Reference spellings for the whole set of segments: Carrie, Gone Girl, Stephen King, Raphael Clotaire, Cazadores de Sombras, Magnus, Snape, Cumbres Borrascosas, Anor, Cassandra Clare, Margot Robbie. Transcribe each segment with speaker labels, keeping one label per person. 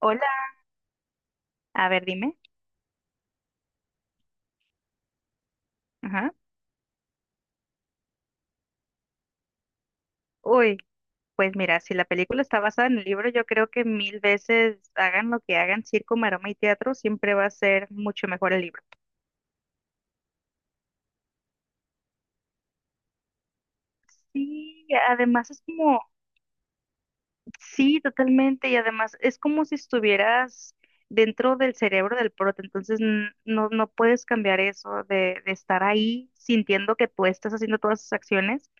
Speaker 1: Hola, a ver, dime. Ajá. Uy, pues mira, si la película está basada en el libro, yo creo que mil veces hagan lo que hagan, circo, maroma y teatro, siempre va a ser mucho mejor el libro. Sí, además es como, sí, totalmente, y además es como si estuvieras dentro del cerebro del prota, entonces no puedes cambiar eso de estar ahí sintiendo que tú estás haciendo todas esas acciones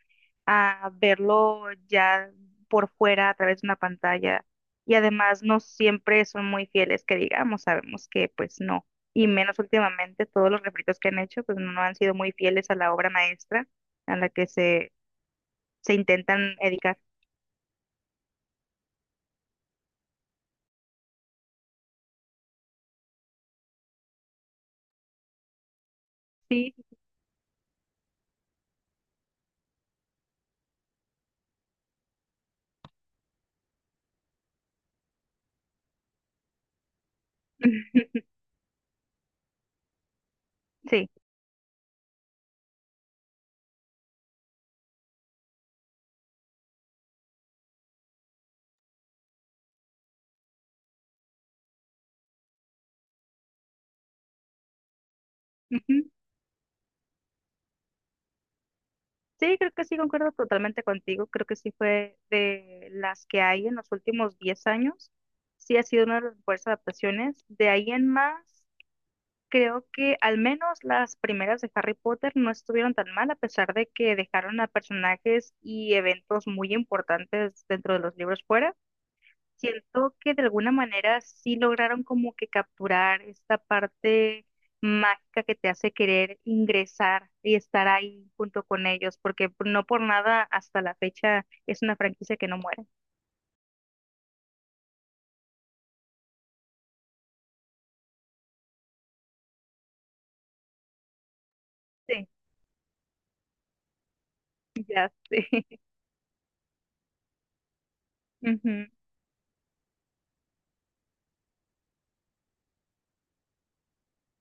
Speaker 1: a verlo ya por fuera a través de una pantalla. Y además no siempre son muy fieles, que digamos, sabemos que pues no. Y menos últimamente, todos los refritos que han hecho pues no han sido muy fieles a la obra maestra a la que se intentan dedicar. Sí, sí. Ujú. Sí, creo que sí, concuerdo totalmente contigo. Creo que sí fue de las que hay en los últimos 10 años. Sí ha sido una de las mejores adaptaciones. De ahí en más, creo que al menos las primeras de Harry Potter no estuvieron tan mal, a pesar de que dejaron a personajes y eventos muy importantes dentro de los libros fuera. Siento que de alguna manera sí lograron como que capturar esta parte mágica que te hace querer ingresar y estar ahí junto con ellos, porque no por nada hasta la fecha es una franquicia que no muere. Sí, ya sé. Ujú,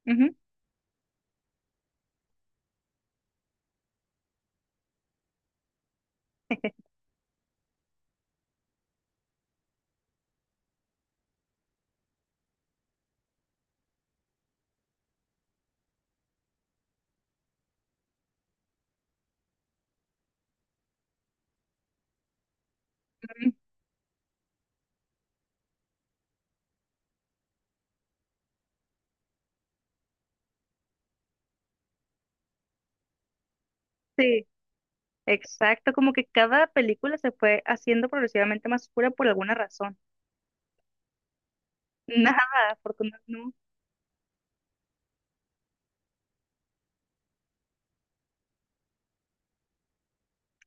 Speaker 1: ujú, ujú. Sí. Exacto, como que cada película se fue haciendo progresivamente más oscura por alguna razón. Nada, afortunadamente, no.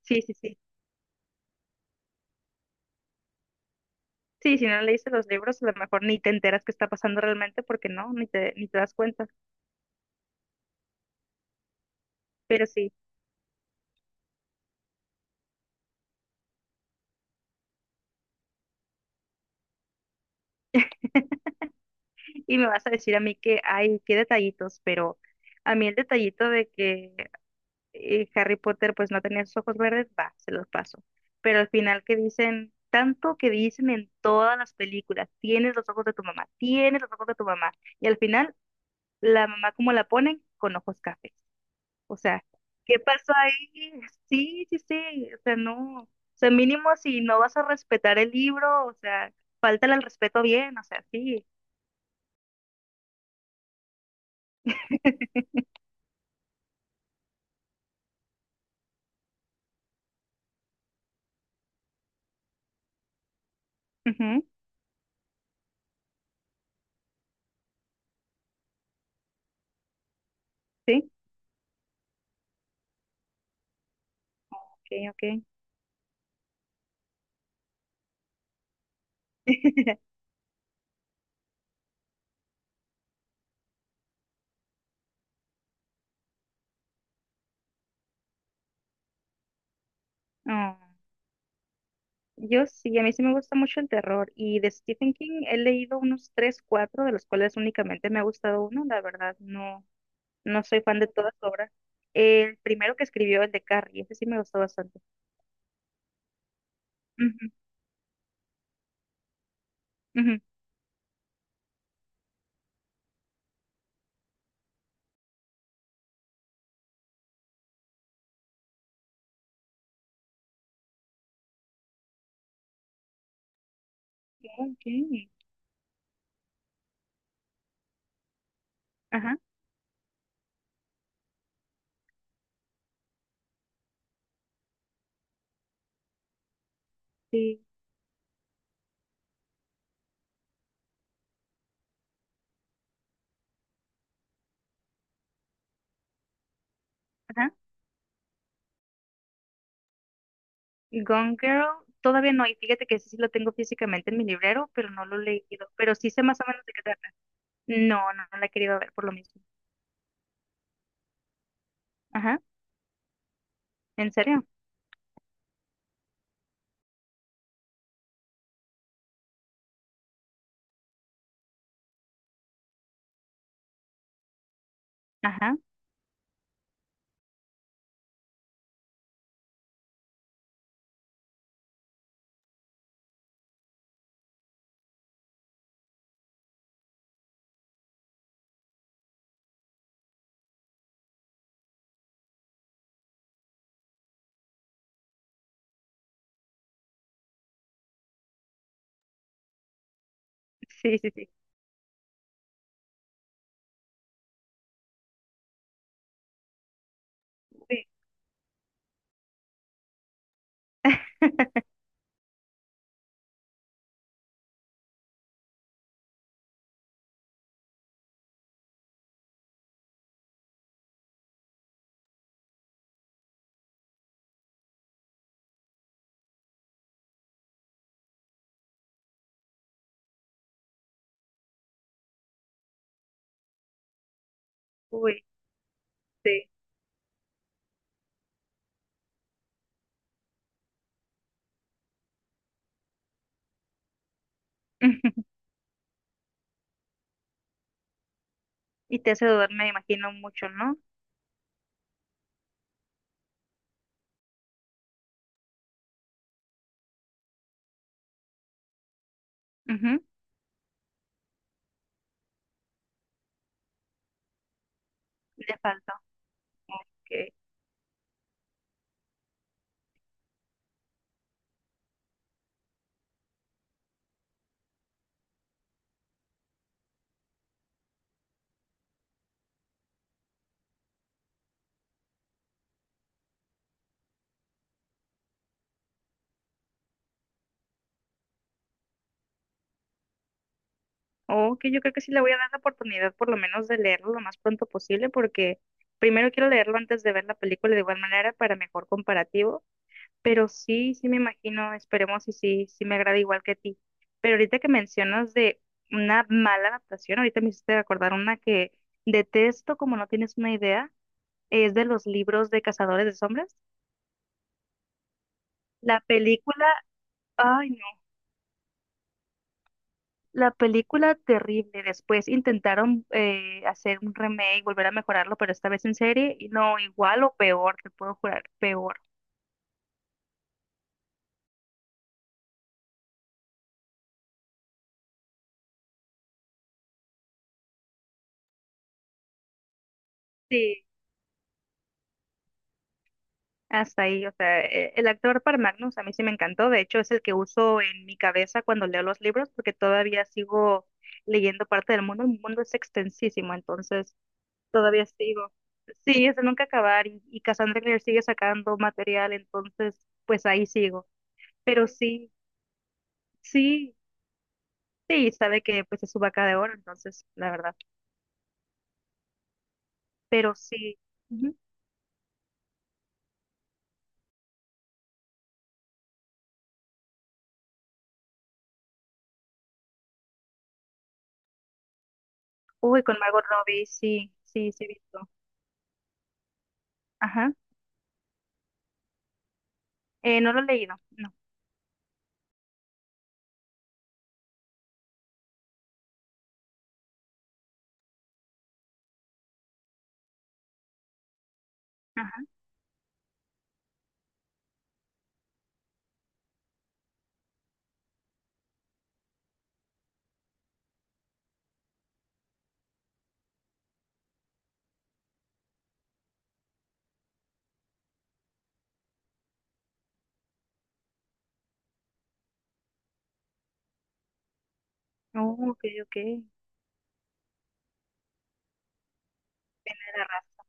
Speaker 1: Sí, sí, sí. Sí, si no leíste los libros, a lo mejor ni te enteras qué está pasando realmente porque no, ni te das cuenta. Pero sí, y me vas a decir a mí que hay, qué detallitos, pero a mí el detallito de que Harry Potter pues no tenía sus ojos verdes, va, se los paso. Pero al final que dicen, tanto que dicen en todas las películas, tienes los ojos de tu mamá, tienes los ojos de tu mamá. Y al final la mamá como la ponen con ojos cafés. O sea, ¿qué pasó ahí? Sí, sí, sí, o sea, no, o sea, mínimo si no vas a respetar el libro, o sea, falta el respeto bien, o sea, sí. Ujú, sí, ok, ok. Oh, yo sí, a mí sí me gusta mucho el terror y de Stephen King he leído unos tres, cuatro, de los cuales únicamente me ha gustado uno, la verdad, no, no soy fan de todas sus obras. El primero que escribió, el de Carrie, ese sí me gustó bastante. Ujú, ujú. Ok. Ok. Ajá, sí. Ajá. Gone Girl, todavía no. Y fíjate que ese sí lo tengo físicamente en mi librero, pero no lo he leído. Pero sí sé más o menos de qué trata. No, no, no la he querido ver por lo mismo. Ajá, ¿en serio? Ajá, sí, sí, sí. Uy, uy, sí. Y te hace dudar, me imagino, mucho, ¿no? Ujú. Le falta. Ok. Ok, yo creo que sí le voy a dar la oportunidad por lo menos de leerlo lo más pronto posible porque primero quiero leerlo antes de ver la película de igual manera para mejor comparativo. Pero sí, sí me imagino, esperemos y sí, sí me agrada igual que a ti. Pero ahorita que mencionas de una mala adaptación, ahorita me hiciste acordar una que detesto, como no tienes una idea, es de los libros de Cazadores de Sombras. La película, ay no, la película terrible. Después intentaron hacer un remake, volver a mejorarlo, pero esta vez en serie, y no, igual o peor, te puedo jurar, peor. Hasta ahí, o sea, el actor para Magnus a mí sí me encantó, de hecho es el que uso en mi cabeza cuando leo los libros porque todavía sigo leyendo parte del mundo, el mundo es extensísimo, entonces todavía sigo. Sí, es de nunca acabar y Cassandra Clare sigue sacando material, entonces pues ahí sigo. Pero sí, sí, sí, sabe que pues es su vaca de oro, entonces la verdad, pero sí. Ujú. Uy, con Margot Robbie, sí, sí, sí he visto. Ajá, no lo he leído, no. Ajá, oh, ok, ok. Tiene la razón.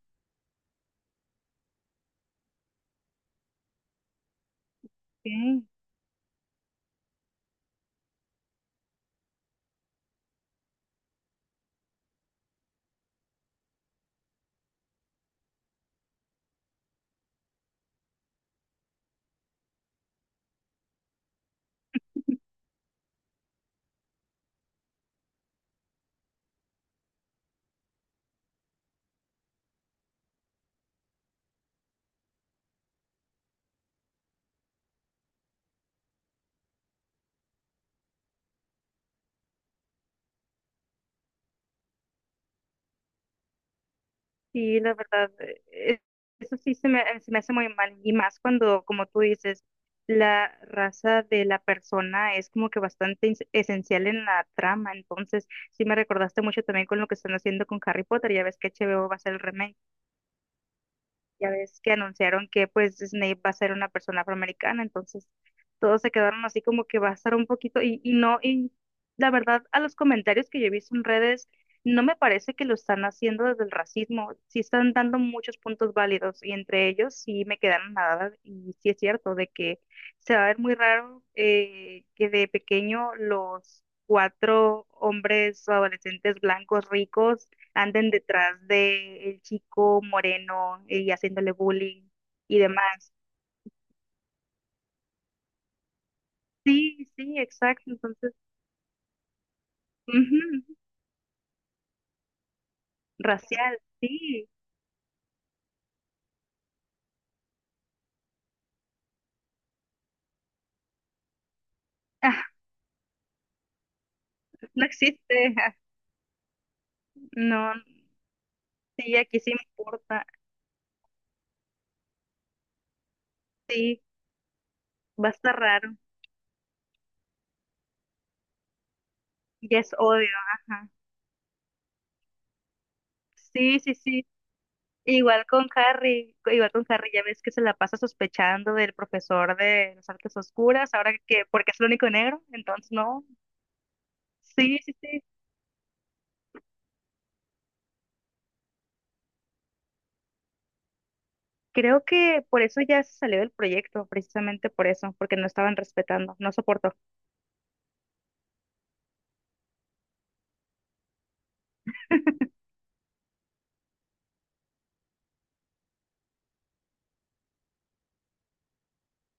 Speaker 1: Sí, sí, la verdad, eh, eso sí se me hace muy mal. Y más cuando, como tú dices, la raza de la persona es como que bastante esencial en la trama. Entonces, sí me recordaste mucho también con lo que están haciendo con Harry Potter. Ya ves que HBO va a hacer el remake. Ya ves que anunciaron que pues Snape va a ser una persona afroamericana, entonces todos se quedaron así como que va a estar un poquito y no, y la verdad a los comentarios que yo he visto en redes, no me parece que lo están haciendo desde el racismo, sí están dando muchos puntos válidos y entre ellos sí me quedaron nada y sí es cierto de que se va a ver muy raro que de pequeño los cuatro hombres adolescentes blancos ricos anden detrás de el chico moreno y haciéndole bullying y demás. Sí, sí, exacto. Entonces, ujú, racial, sí. Ah, no existe. Ah, no, sí, aquí sí importa. Sí, va a estar raro. Ya es odio, ajá. Sí, sí, sí. Igual con Harry, ya ves que se la pasa sospechando del profesor de las artes oscuras, ahora que porque es el único negro, entonces no. Sí, sí, sí. Creo que por eso ya se salió del proyecto, precisamente por eso, porque no estaban respetando, no soportó.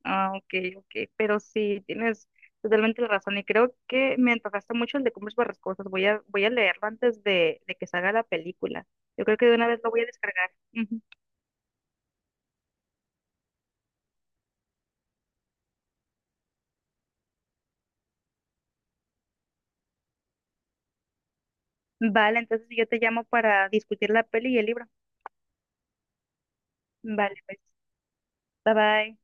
Speaker 1: Ah, ok, ok, pero sí, tienes totalmente la razón y creo que me antojaste mucho el de Cumbres Borrascosas. Voy a leerlo antes de que salga la película. Yo creo que de una vez lo voy a descargar. Ujú. Vale, entonces yo te llamo para discutir la peli y el libro. Vale, pues, bye bye.